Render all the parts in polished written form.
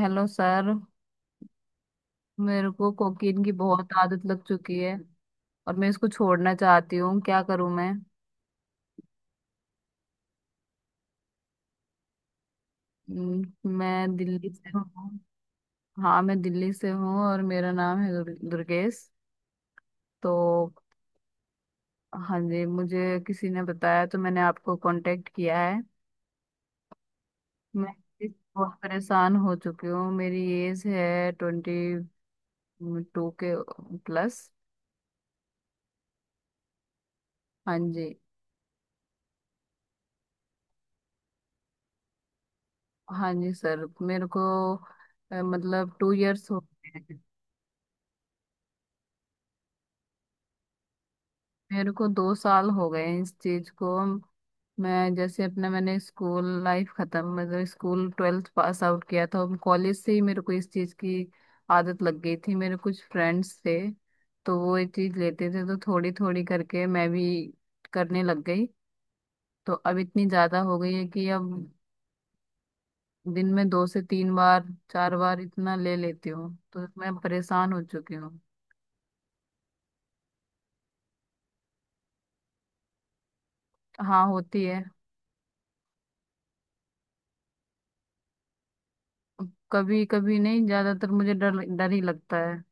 Hello sir. मेरे को cocaine की बहुत आदत लग चुकी है और मैं इसको छोड़ना चाहती हूँ। क्या करूँ मैं? हम्म, मैं दिल्ली से हूँ। हाँ, मैं दिल्ली से हूँ और मेरा नाम है दुर्गेश। तो हाँ जी, मुझे किसी ने बताया तो मैंने आपको कांटेक्ट किया है। मैं बहुत परेशान हो चुकी हूँ। मेरी एज है 22 के प्लस। हाँ जी। हाँ जी सर, मेरे को मतलब 2 इयर्स हो गए हैं। मेरे को 2 साल हो गए हैं इस चीज को। मैं जैसे अपना मैंने स्कूल लाइफ खत्म, मतलब स्कूल ट्वेल्थ पास आउट किया था, कॉलेज से ही मेरे को इस चीज की आदत लग गई थी। मेरे कुछ फ्रेंड्स थे तो वो ये चीज लेते थे, तो थोड़ी थोड़ी करके मैं भी करने लग गई। तो अब इतनी ज्यादा हो गई है कि अब दिन में 2 से 3 बार, 4 बार इतना ले लेती हूँ, तो मैं परेशान हो चुकी हूँ। हाँ, होती है। कभी कभी नहीं, ज्यादातर मुझे डर डर ही लगता है।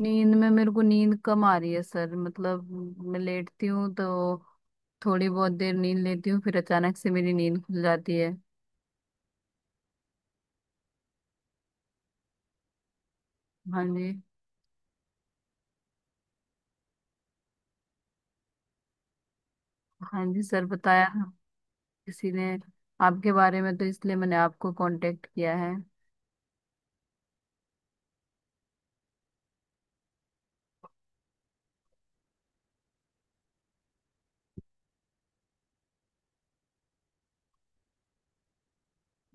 नींद में मेरे को नींद कम आ रही है सर, मतलब मैं लेटती हूँ तो थोड़ी बहुत देर नींद लेती हूँ, फिर अचानक से मेरी नींद खुल जाती है। हाँ जी। हाँ जी सर, बताया था किसी ने आपके बारे में, तो इसलिए मैंने आपको कांटेक्ट किया है।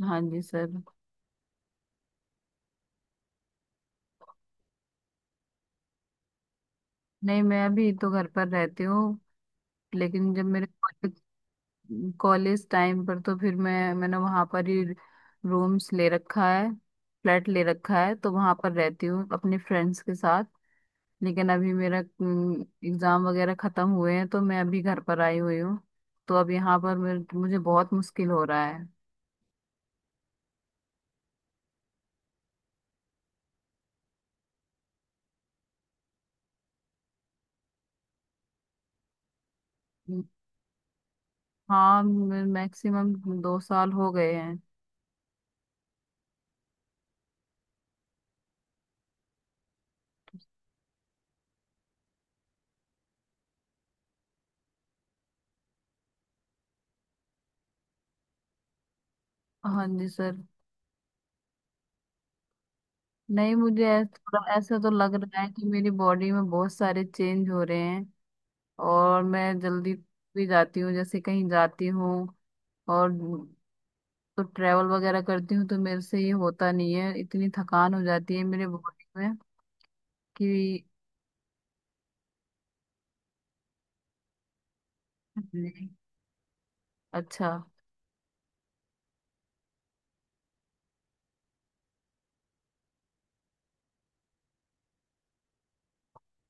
हाँ जी सर। नहीं, मैं अभी तो घर पर रहती हूँ, लेकिन जब मेरे कॉलेज, कॉलेज टाइम पर, तो फिर मैंने वहाँ पर ही रूम्स ले रखा है, फ्लैट ले रखा है, तो वहाँ पर रहती हूँ अपने फ्रेंड्स के साथ। लेकिन अभी मेरा एग्जाम वगैरह खत्म हुए हैं तो मैं अभी घर पर आई हुई हूँ। तो अब यहाँ पर मुझे बहुत मुश्किल हो रहा है। हम्म, हाँ मैक्सिमम 2 साल हो गए हैं। हाँ जी सर। नहीं, मुझे थोड़ा ऐसा तो लग रहा है कि मेरी बॉडी में बहुत सारे चेंज हो रहे हैं। और मैं जल्दी भी जाती हूँ, जैसे कहीं जाती हूँ और तो ट्रैवल वगैरह करती हूँ तो मेरे से ये होता नहीं है, इतनी थकान हो जाती है मेरे बॉडी में कि। जी। अच्छा।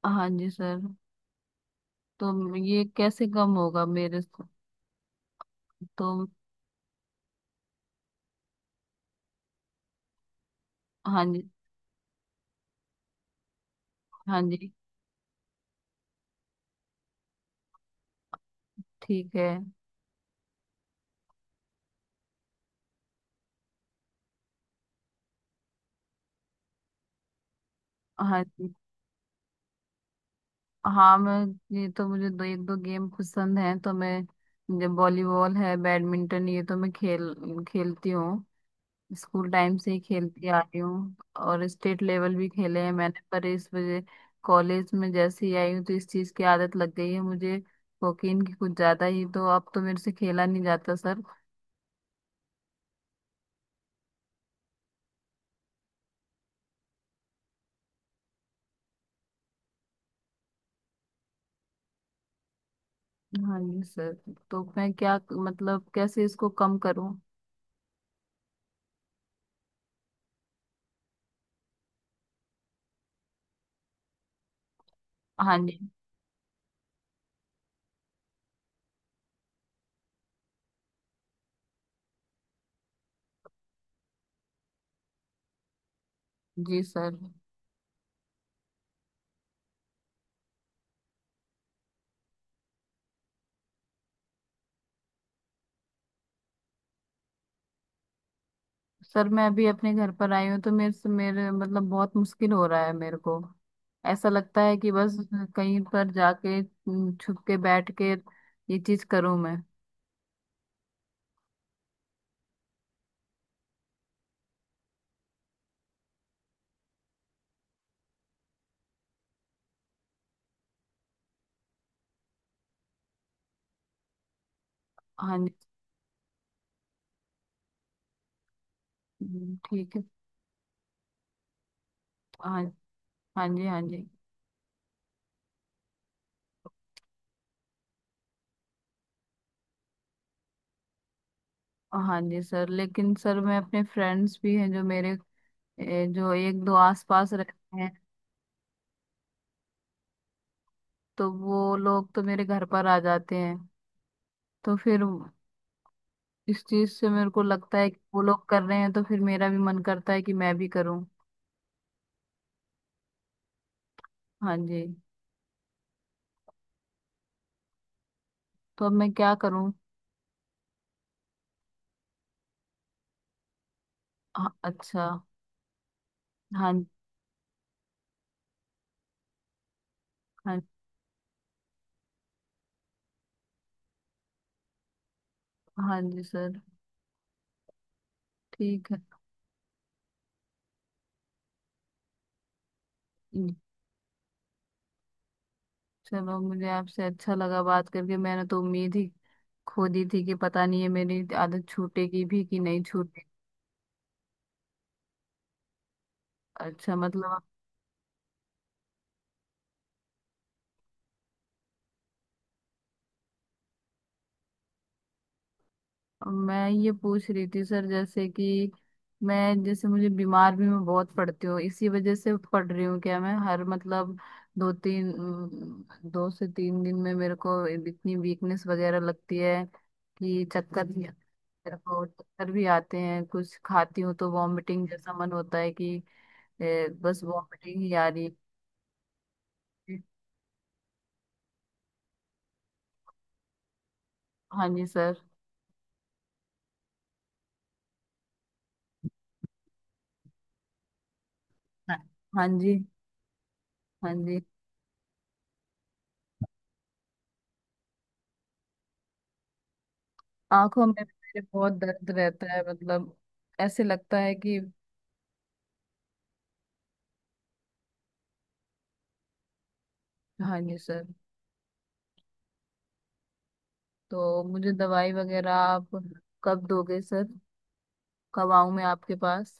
हाँ जी सर, तो ये कैसे कम होगा मेरे से? तो हाँ जी। हाँ जी। ठीक है। हाँ जी। हाँ, मैं, ये तो मुझे दो एक दो गेम पसंद हैं, तो मैं, जब वॉलीबॉल है, बैडमिंटन, ये तो मैं खेलती हूँ, स्कूल टाइम से ही खेलती आ रही हूँ। और स्टेट लेवल भी खेले हैं मैंने, पर इस वजह, कॉलेज में जैसे ही आई हूँ तो इस चीज़ की आदत लग गई है मुझे, कोकीन की कुछ ज़्यादा ही, तो अब तो मेरे से खेला नहीं जाता सर। हाँ जी सर, तो मैं क्या मतलब, कैसे इसको कम करूं? हाँ जी। जी सर। सर, मैं अभी अपने घर पर आई हूँ तो मेरे से, मेरे मतलब बहुत मुश्किल हो रहा है। मेरे को ऐसा लगता है कि बस कहीं पर जाके छुप के बैठ के ये चीज करूं मैं। हाँ जी। ठीक है। हाँ। हाँ जी। हाँ जी। हाँ जी सर, लेकिन सर, मैं, अपने फ्रेंड्स भी हैं जो मेरे जो एक दो आस पास रहते हैं, तो वो लोग तो मेरे घर पर आ जाते हैं, तो फिर इस चीज से मेरे को लगता है कि वो लोग कर रहे हैं तो फिर मेरा भी मन करता है कि मैं भी करूं। हाँ जी, तो अब मैं क्या करूं? हाँ, अच्छा। हाँ। हाँ। हाँ जी सर। ठीक है। हम्म, चलो, मुझे आपसे अच्छा लगा बात करके। मैंने तो उम्मीद ही खो दी थी कि पता नहीं है मेरी आदत छूटेगी भी कि नहीं छूटेगी। अच्छा, मतलब मैं ये पूछ रही थी सर, जैसे कि मैं, जैसे मुझे बीमार भी मैं बहुत पड़ती हूँ, इसी वजह से पड़ रही हूँ क्या? मैं हर मतलब 2 से 3 दिन में मेरे को इतनी वीकनेस वगैरह लगती है कि चक्कर भी, मेरे को चक्कर भी आते हैं, कुछ खाती हूँ तो वॉमिटिंग जैसा मन होता है कि बस वॉमिटिंग ही आ रही है। हाँ जी सर। हाँ। हाँ जी। हाँ जी। आंखों में भी मेरे बहुत दर्द रहता है, मतलब ऐसे लगता है कि। हाँ जी सर, तो मुझे दवाई वगैरह आप कब दोगे सर? कब आऊँ मैं आपके पास?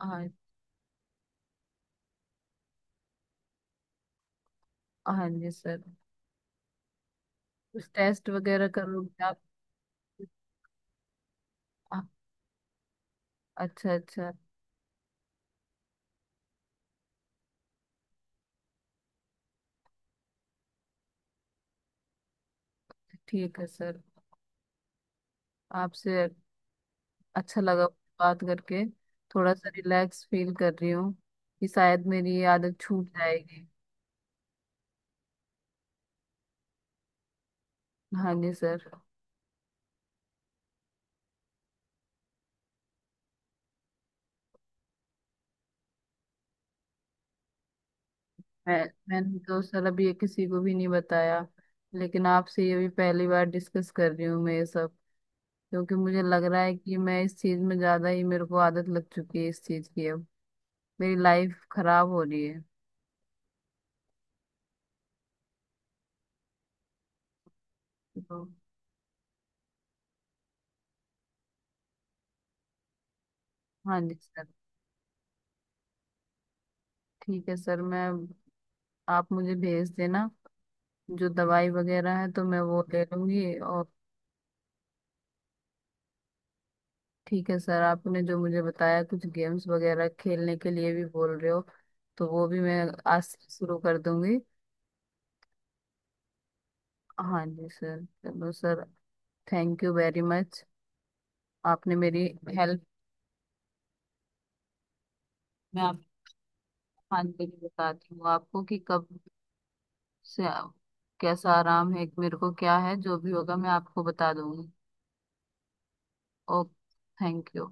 हाँ। हाँ जी सर, कुछ टेस्ट वगैरह करोगे आप? आ- अच्छा अच्छा। ठीक है सर। आपसे अच्छा लगा बात करके, थोड़ा सा रिलैक्स फील कर रही हूँ कि शायद मेरी ये आदत छूट जाएगी। हाँ जी सर। मैं मैंने तो सर अभी ये किसी को भी नहीं बताया, लेकिन आपसे ये भी पहली बार डिस्कस कर रही हूँ मैं ये सब। क्योंकि मुझे लग रहा है कि मैं इस चीज में ज्यादा ही, मेरे को आदत लग चुकी है इस चीज की, अब मेरी लाइफ खराब हो रही है। तो हाँ जी सर। ठीक है सर, मैं, आप मुझे भेज देना जो दवाई वगैरह है तो मैं वो ले लूंगी। और ठीक है सर, आपने जो मुझे बताया कुछ गेम्स वगैरह खेलने के लिए भी बोल रहे हो, तो वो भी मैं आज से शुरू कर दूंगी। हाँ जी सर, चलो sir, thank you very much. आपने मेरी हेल्प। मैं आप। हाँ जी, बताती हूँ आपको कि कब से कैसा आराम है, एक मेरे को क्या है, जो भी होगा मैं आपको बता दूंगी। Okay, thank you.